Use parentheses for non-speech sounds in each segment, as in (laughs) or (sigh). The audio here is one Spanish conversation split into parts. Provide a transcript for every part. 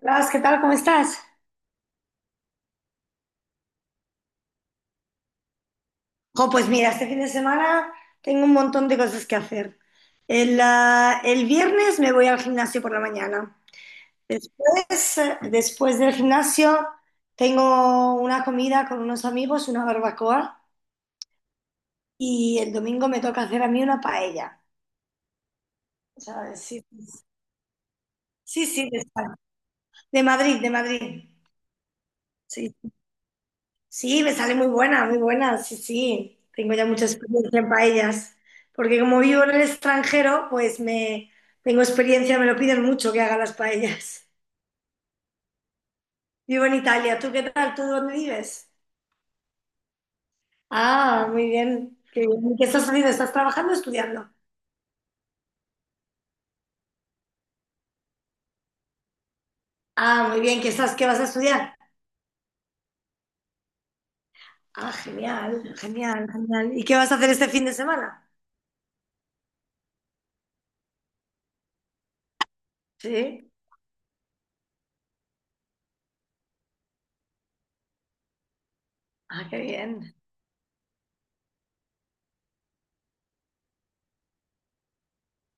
Blas, ¿qué tal? ¿Cómo estás? Jo, pues mira, este fin de semana tengo un montón de cosas que hacer. El viernes me voy al gimnasio por la mañana. Después, después del gimnasio tengo una comida con unos amigos, una barbacoa, y el domingo me toca hacer a mí una paella. ¿Sabes? Sí, sí, sí, de Madrid, de Madrid. Sí. Sí, me sale muy buena, sí, sí. Tengo ya mucha experiencia en paellas, porque como vivo en el extranjero, pues me tengo experiencia, me lo piden mucho que haga las paellas. (laughs) Vivo en Italia, ¿tú qué tal? ¿Tú dónde vives? Ah, muy bien. Qué bien. ¿Qué estás haciendo? ¿Estás trabajando o estudiando? Ah, muy bien. ¿Qué estás? ¿Qué vas a estudiar? Ah, genial, genial, genial. ¿Y qué vas a hacer este fin de semana? Sí. Ah, qué bien.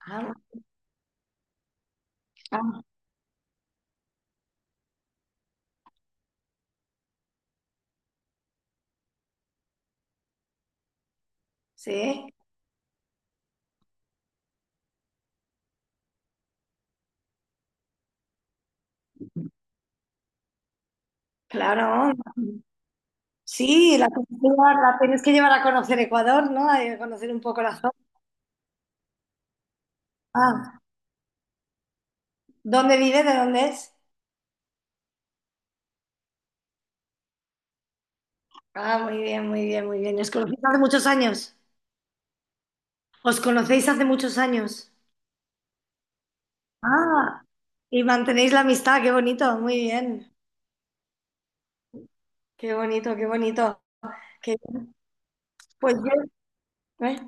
Ah, ah, sí, claro. Sí, la tienes que llevar, la tienes que llevar a conocer Ecuador, ¿no? A conocer un poco la zona. Ah, ¿dónde vive? ¿De dónde es? Ah, muy bien, muy bien, muy bien. ¿Os conocéis hace muchos años? ¿Os conocéis hace muchos años? Ah, y mantenéis la amistad, qué bonito, muy bien. Qué bonito, qué bonito. Que, pues yo, ¿eh?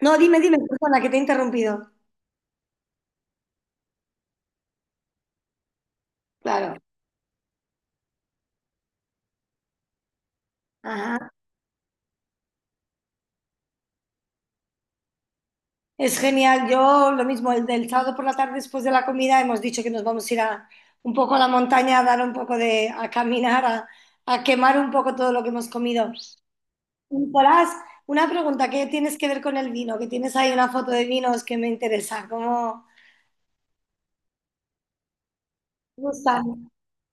No, dime, dime, Persona que te he interrumpido. Claro. Ajá. Es genial. Yo lo mismo, el del sábado por la tarde después de la comida hemos dicho que nos vamos a ir a, un poco a la montaña, a dar un poco de, a caminar, a quemar un poco todo lo que hemos comido. Nicolás, una pregunta, ¿qué tienes que ver con el vino? Que tienes ahí una foto de vinos que me interesa. ¿Cómo te gustan?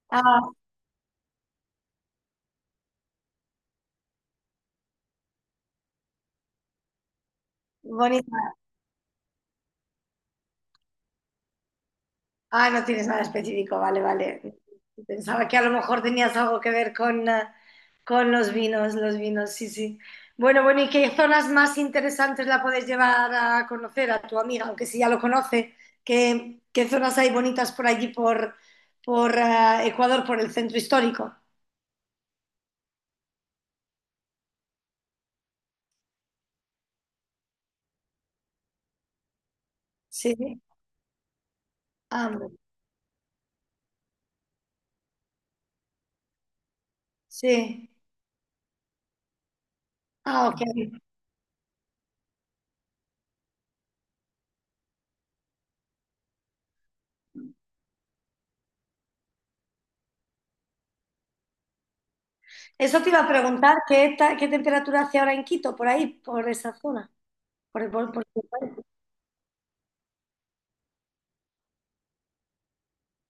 Ah, bonito. Ah, no tienes nada específico, vale, vale. Pensaba que a lo mejor tenías algo que ver con, ah, con los vinos, sí, sí. Bueno, bueno, ¿y qué zonas más interesantes la puedes llevar a conocer a tu amiga, aunque si ya lo conoce? ¿Qué, qué zonas hay bonitas por allí, por, por Ecuador, por el centro histórico? Sí, ah, bueno, sí. Ah, ok. Eso te iba a preguntar, ¿ qué temperatura hace ahora en Quito, por ahí, por esa zona? Por-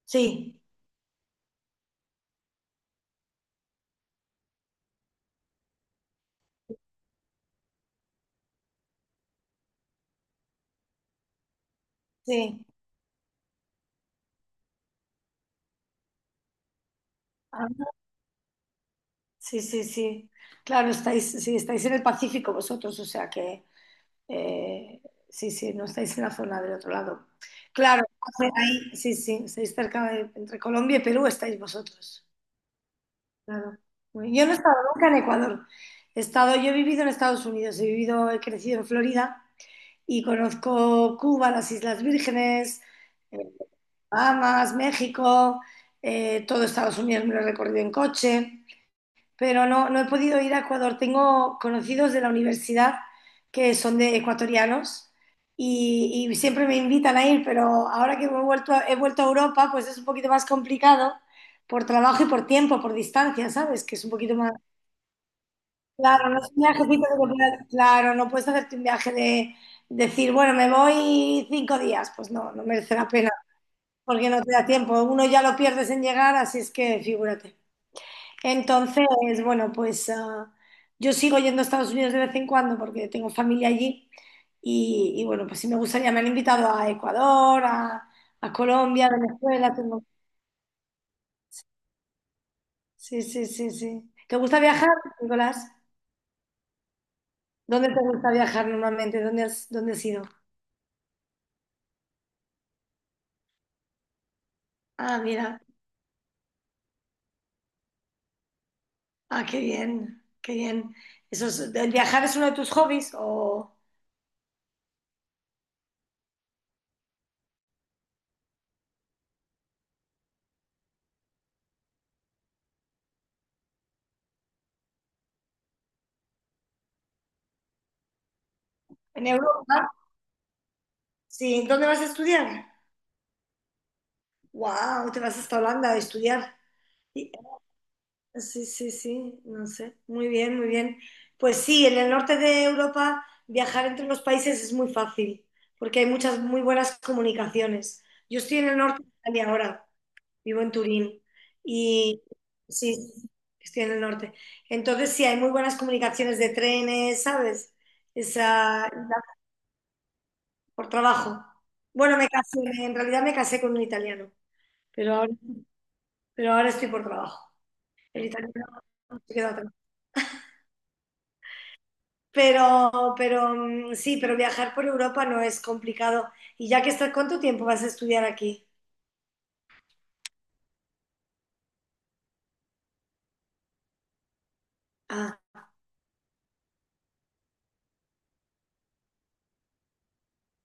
Sí, sí. Ah, sí, sí, sí. Claro, estáis, sí, estáis en el Pacífico vosotros, o sea que eh, sí, sí, no estáis en la zona del otro lado. Claro, ahí, sí, sí, estáis cerca de, entre Colombia y Perú estáis vosotros. Claro. Muy- Yo no he estado nunca en Ecuador. He estado, yo he vivido en Estados Unidos, he vivido, he crecido en Florida y conozco Cuba, las Islas Vírgenes, eh, Bahamas, México, todo Estados Unidos me lo he recorrido en coche pero no, no he podido ir a Ecuador. Tengo conocidos de la universidad que son de ecuatorianos y siempre me invitan a ir, pero ahora que me he vuelto a Europa, pues es un poquito más complicado por trabajo y por tiempo, por distancia, ¿sabes? Que es un poquito más... Claro, no es un viajecito de comprar- Claro, no puedes hacerte un viaje de decir, bueno, me voy cinco días. Pues no, no merece la pena, porque no te da tiempo. Uno ya lo pierdes en llegar, así es que figúrate. Entonces, bueno, pues yo sigo yendo a Estados Unidos de vez en cuando porque tengo familia allí y, bueno, pues sí me gustaría, me han invitado a Ecuador, a Colombia, Venezuela, tengo- Sí, sí, sí, sí. ¿Te gusta viajar, Nicolás? ¿Dónde te gusta viajar normalmente? Dónde has ido? Ah, mira, ah, qué bien, qué bien. Eso es- ¿el viajar es uno de tus hobbies o en Europa? Sí, ¿dónde vas a estudiar? Wow, te vas hasta Holanda a estudiar. Sí, sí, sí, no sé. Muy bien, muy bien. Pues sí, en el norte de Europa viajar entre los países es muy fácil, porque hay muchas muy buenas comunicaciones. Yo estoy en el norte de Italia ahora, vivo en Turín, y sí, sí, estoy en el norte. Entonces sí, hay muy buenas comunicaciones de trenes, ¿sabes? Esa, por trabajo. Bueno, me casé, en realidad me casé con un italiano, pero ahora, pero ahora estoy por trabajo. El italiano se quedó. Pero, pero sí, pero viajar por Europa no es complicado. Y ya que estás, ¿cuánto tiempo vas a estudiar aquí? Ah,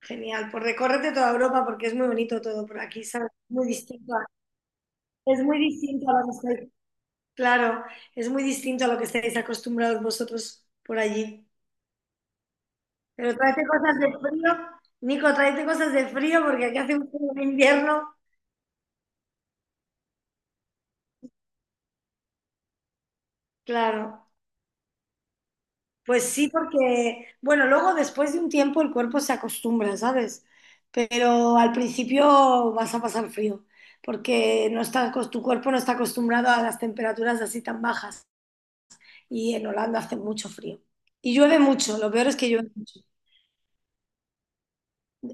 genial. Pues recórrete toda Europa porque es muy bonito todo por aquí, ¿sabes? Muy distinto a- es muy distinto a lo que estáis, claro, es muy distinto a lo que estáis acostumbrados vosotros por allí. Pero tráete cosas de frío, Nico, tráete cosas de frío porque aquí hace un frío de invierno. Claro. Pues sí, porque, bueno, luego después de un tiempo el cuerpo se acostumbra, ¿sabes? Pero al principio vas a pasar frío, porque no está, acos- tu cuerpo no está acostumbrado a las temperaturas así tan bajas. Y en Holanda hace mucho frío. Y llueve mucho, lo peor es que llueve mucho.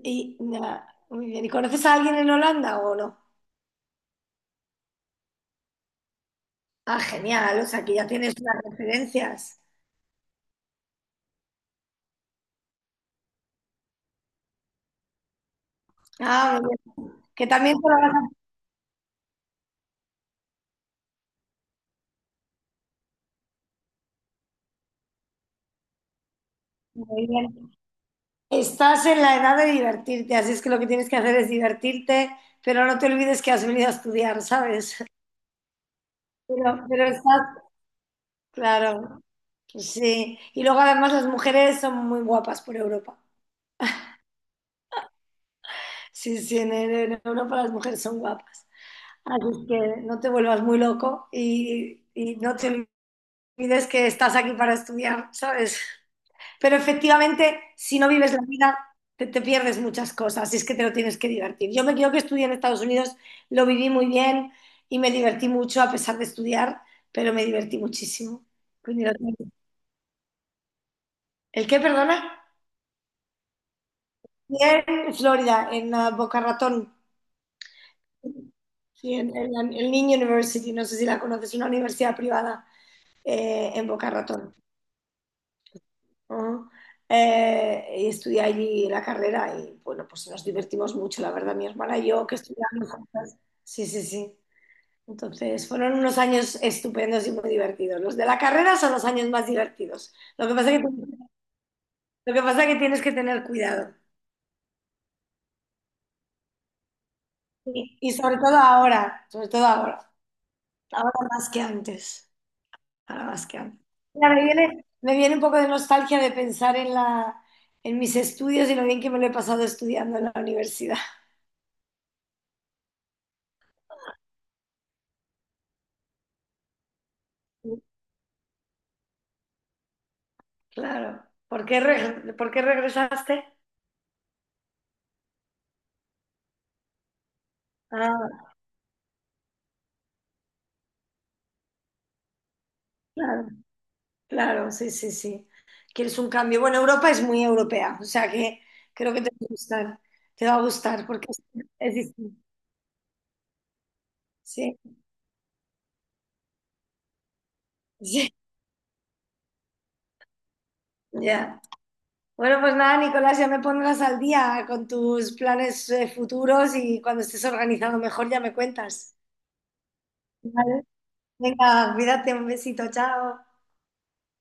Y, nada, muy bien. ¿Y conoces a alguien en Holanda o no? Ah, genial, o sea, que ya tienes unas referencias. Ah, muy bien. Que también te lo vas a... muy bien. Estás en la edad de divertirte, así es que lo que tienes que hacer es divertirte, pero no te olvides que has venido a estudiar, ¿sabes? Pero estás, claro, pues sí. Y luego además las mujeres son muy guapas por Europa. Sí, sí, en Europa las mujeres son guapas. Así es que no te vuelvas muy loco y no te olvides que estás aquí para estudiar, ¿sabes? Pero efectivamente, si no vives la vida, te pierdes muchas cosas y es que te lo tienes que divertir. Yo me yo que estudié en Estados Unidos, lo viví muy bien y me divertí mucho a pesar de estudiar, pero me divertí muchísimo. Coño, ¿El qué, perdona? Bien, En Florida, en Boca Ratón, sí, en la- en Lee University, no sé si la conoces, una universidad privada en Boca Ratón. Ah, y estudié allí la carrera y bueno, pues nos divertimos mucho, la verdad, mi hermana y yo que estudiamos juntas. Sí, sí, sí. Entonces, fueron unos años estupendos y muy divertidos. Los de la carrera son los años más divertidos. Lo que pasa que, lo que pasa que tienes que tener cuidado. Y sobre todo ahora, sobre todo ahora. Ahora más que antes. Ahora más que antes. Mira, me viene un poco de nostalgia de pensar en la, en mis estudios y lo bien que me lo he pasado estudiando en la universidad. Claro. ¿Por qué, reg- por qué regresaste? Ah, claro, claro, sí, sí, sí. Quieres un cambio. Bueno, Europa es muy europea, o sea que creo que te va a gustar. Te va a gustar porque es distinto. Sí, sí, (laughs) ya. Bueno, pues nada, Nicolás, ya me pondrás al día con tus planes futuros y cuando estés organizado mejor ya me cuentas. Vale. Venga, cuídate, un besito, chao.